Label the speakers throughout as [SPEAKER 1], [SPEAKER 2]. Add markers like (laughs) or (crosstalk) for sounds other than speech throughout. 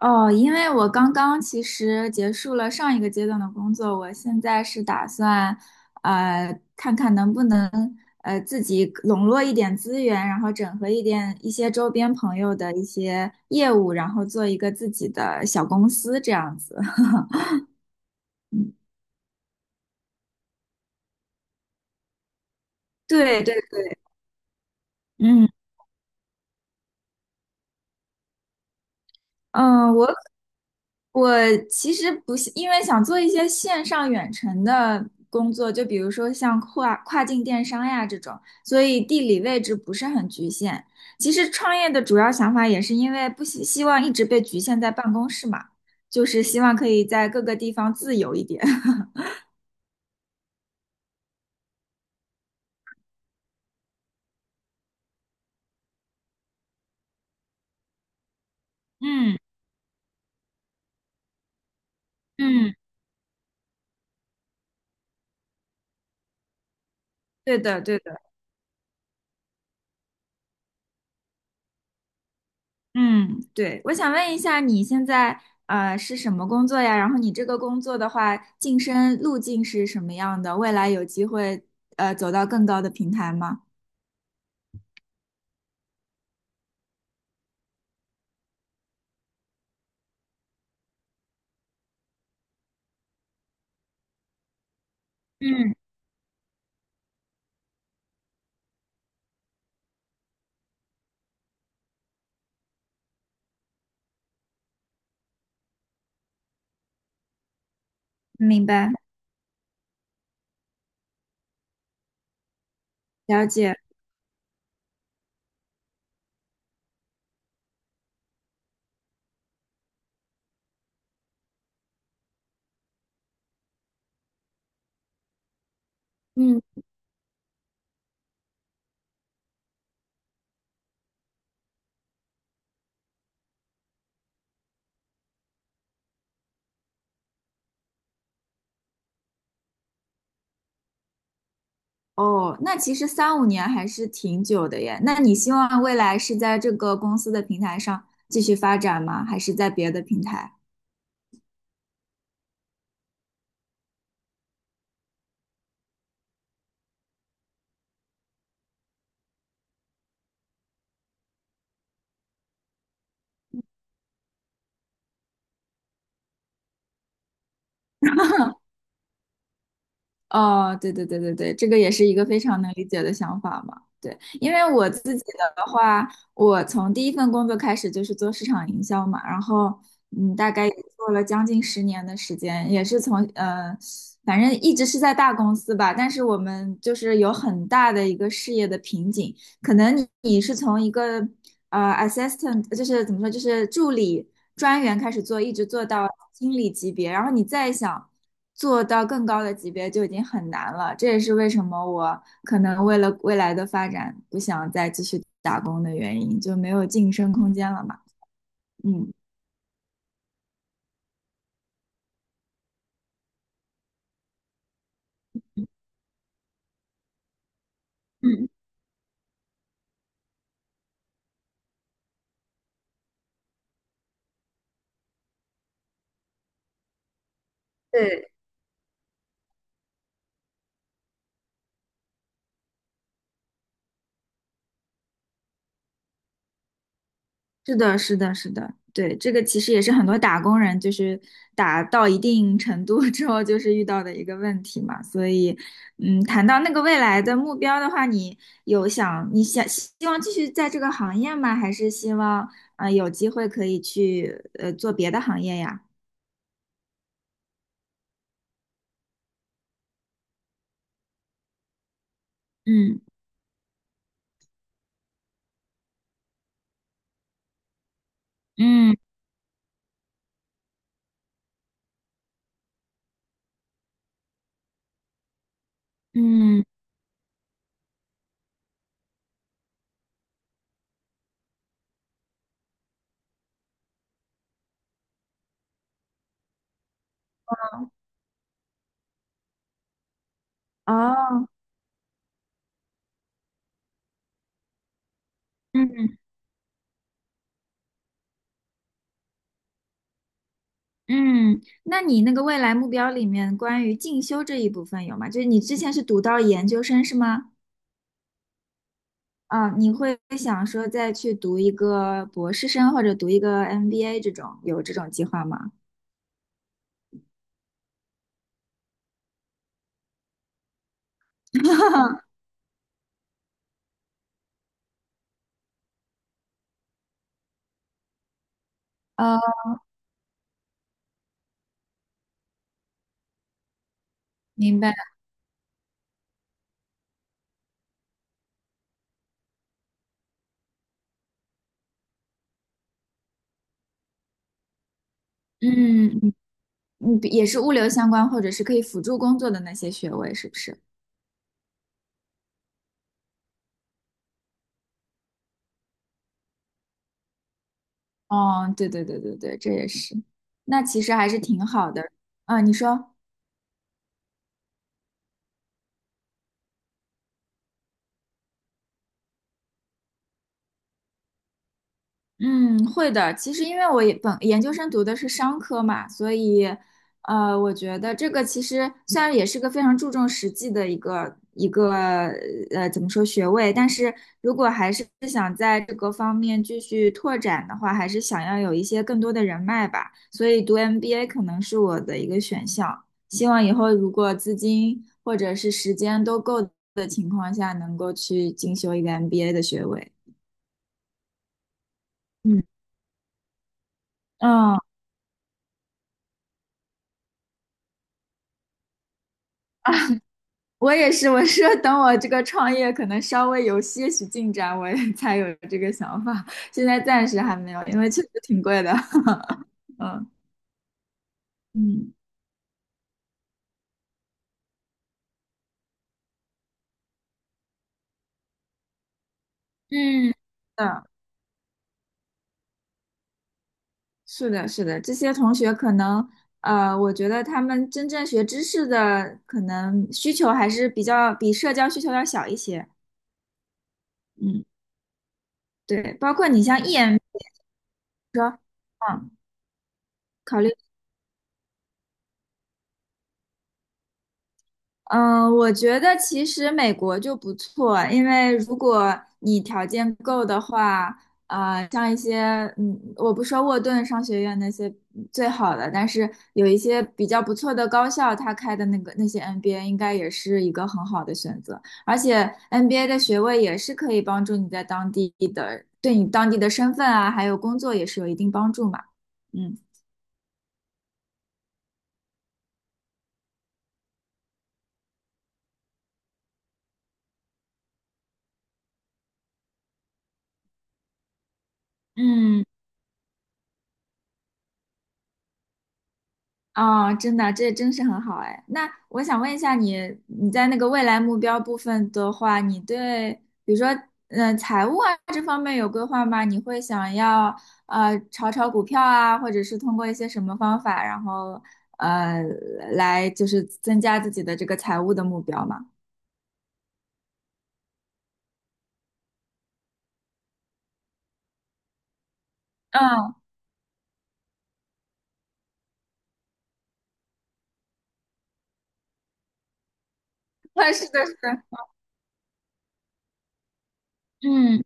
[SPEAKER 1] 哦，因为我刚刚其实结束了上一个阶段的工作，我现在是打算，看看能不能自己笼络一点资源，然后整合一点一些周边朋友的一些业务，然后做一个自己的小公司这样子。(laughs) 对对对，嗯。嗯，我其实不是，因为想做一些线上远程的工作，就比如说像跨境电商呀这种，所以地理位置不是很局限。其实创业的主要想法也是因为不希望一直被局限在办公室嘛，就是希望可以在各个地方自由一点。(laughs) 嗯嗯，对的对的。嗯，对，我想问一下，你现在是什么工作呀？然后你这个工作的话，晋升路径是什么样的？未来有机会走到更高的平台吗？嗯，明白。了解，嗯，哦，那其实三五年还是挺久的耶。那你希望未来是在这个公司的平台上继续发展吗？还是在别的平台？哦，对对对对对，这个也是一个非常能理解的想法嘛。对，因为我自己的话，我从第一份工作开始就是做市场营销嘛，然后大概也做了将近10年的时间，也是从反正一直是在大公司吧，但是我们就是有很大的一个事业的瓶颈，可能你是从一个assistant，就是怎么说，就是助理专员开始做，一直做到经理级别，然后你再想做到更高的级别就已经很难了。这也是为什么我可能为了未来的发展不想再继续打工的原因，就没有晋升空间了嘛。嗯嗯，对，是的，是的，是的，对，这个其实也是很多打工人就是打到一定程度 (laughs) 之后就是遇到的一个问题嘛。所以，嗯，谈到那个未来的目标的话，你想希望继续在这个行业吗？还是希望有机会可以去做别的行业呀？嗯嗯嗯，哦，嗯嗯，那你那个未来目标里面关于进修这一部分有吗？就是你之前是读到研究生是吗？啊，你会想说再去读一个博士生或者读一个 MBA 这种，有这种计划吗？呃，明白。嗯，你也是物流相关，或者是可以辅助工作的那些学位，是不是？哦，对对对对对，这也是。那其实还是挺好的。嗯，你说。嗯，会的。其实因为我也本研究生读的是商科嘛，所以，我觉得这个其实虽然也是个非常注重实际的一个怎么说学位，但是如果还是想在这个方面继续拓展的话，还是想要有一些更多的人脉吧。所以读 MBA 可能是我的一个选项。希望以后如果资金或者是时间都够的情况下，能够去进修一个 MBA 的学位。嗯。嗯，我也是，我是等我这个创业可能稍微有些许进展，我也 (laughs) 才有这个想法。现在暂时还没有，因为确实挺贵的。(laughs) 嗯嗯嗯，嗯，是的，是的，这些同学可能，我觉得他们真正学知识的可能需求还是比较比社交需求要小一些。嗯，对，包括你像 e M，嗯，考虑。嗯，我觉得其实美国就不错，因为如果你条件够的话，啊、像一些，嗯，我不说沃顿商学院那些最好的，但是有一些比较不错的高校，它开的那个那些 MBA 应该也是一个很好的选择，而且 MBA 的学位也是可以帮助你在当地的，对你当地的身份啊，还有工作也是有一定帮助嘛，嗯。嗯。哦，真的，这真是很好哎。那我想问一下你，你在那个未来目标部分的话，你对比如说，嗯、财务啊这方面有规划吗？你会想要炒股票啊，或者是通过一些什么方法，然后呃来就是增加自己的这个财务的目标吗？嗯，(laughs) 那是的，是的，嗯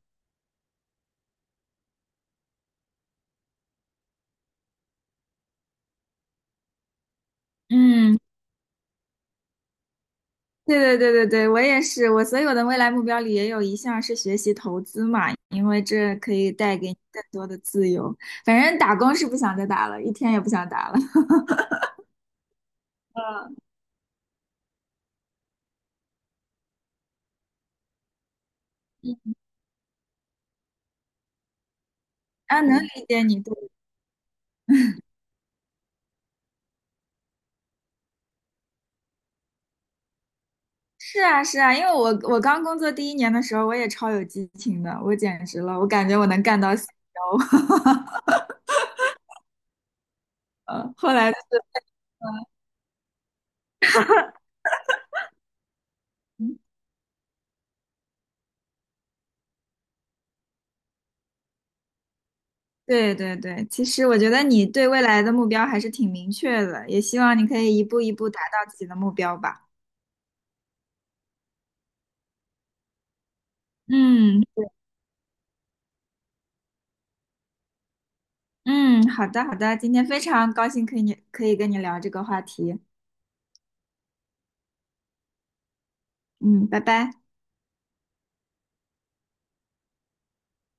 [SPEAKER 1] 嗯，对对对对对，我也是，我所有的未来目标里也有一项是学习投资嘛，因为这可以带给你更多的自由。反正打工是不想再打了，一天也不想打了。(laughs) 啊，能理解你，对，是啊是啊，因为我刚工作第一年的时候，我也超有激情的，我简直了，我感觉我能干到 CEO。(laughs) 后来 (laughs)。对对对，其实我觉得你对未来的目标还是挺明确的，也希望你可以一步一步达到自己的目标吧。嗯。嗯，好的好的，今天非常高兴可以跟你聊这个话题。嗯，拜拜。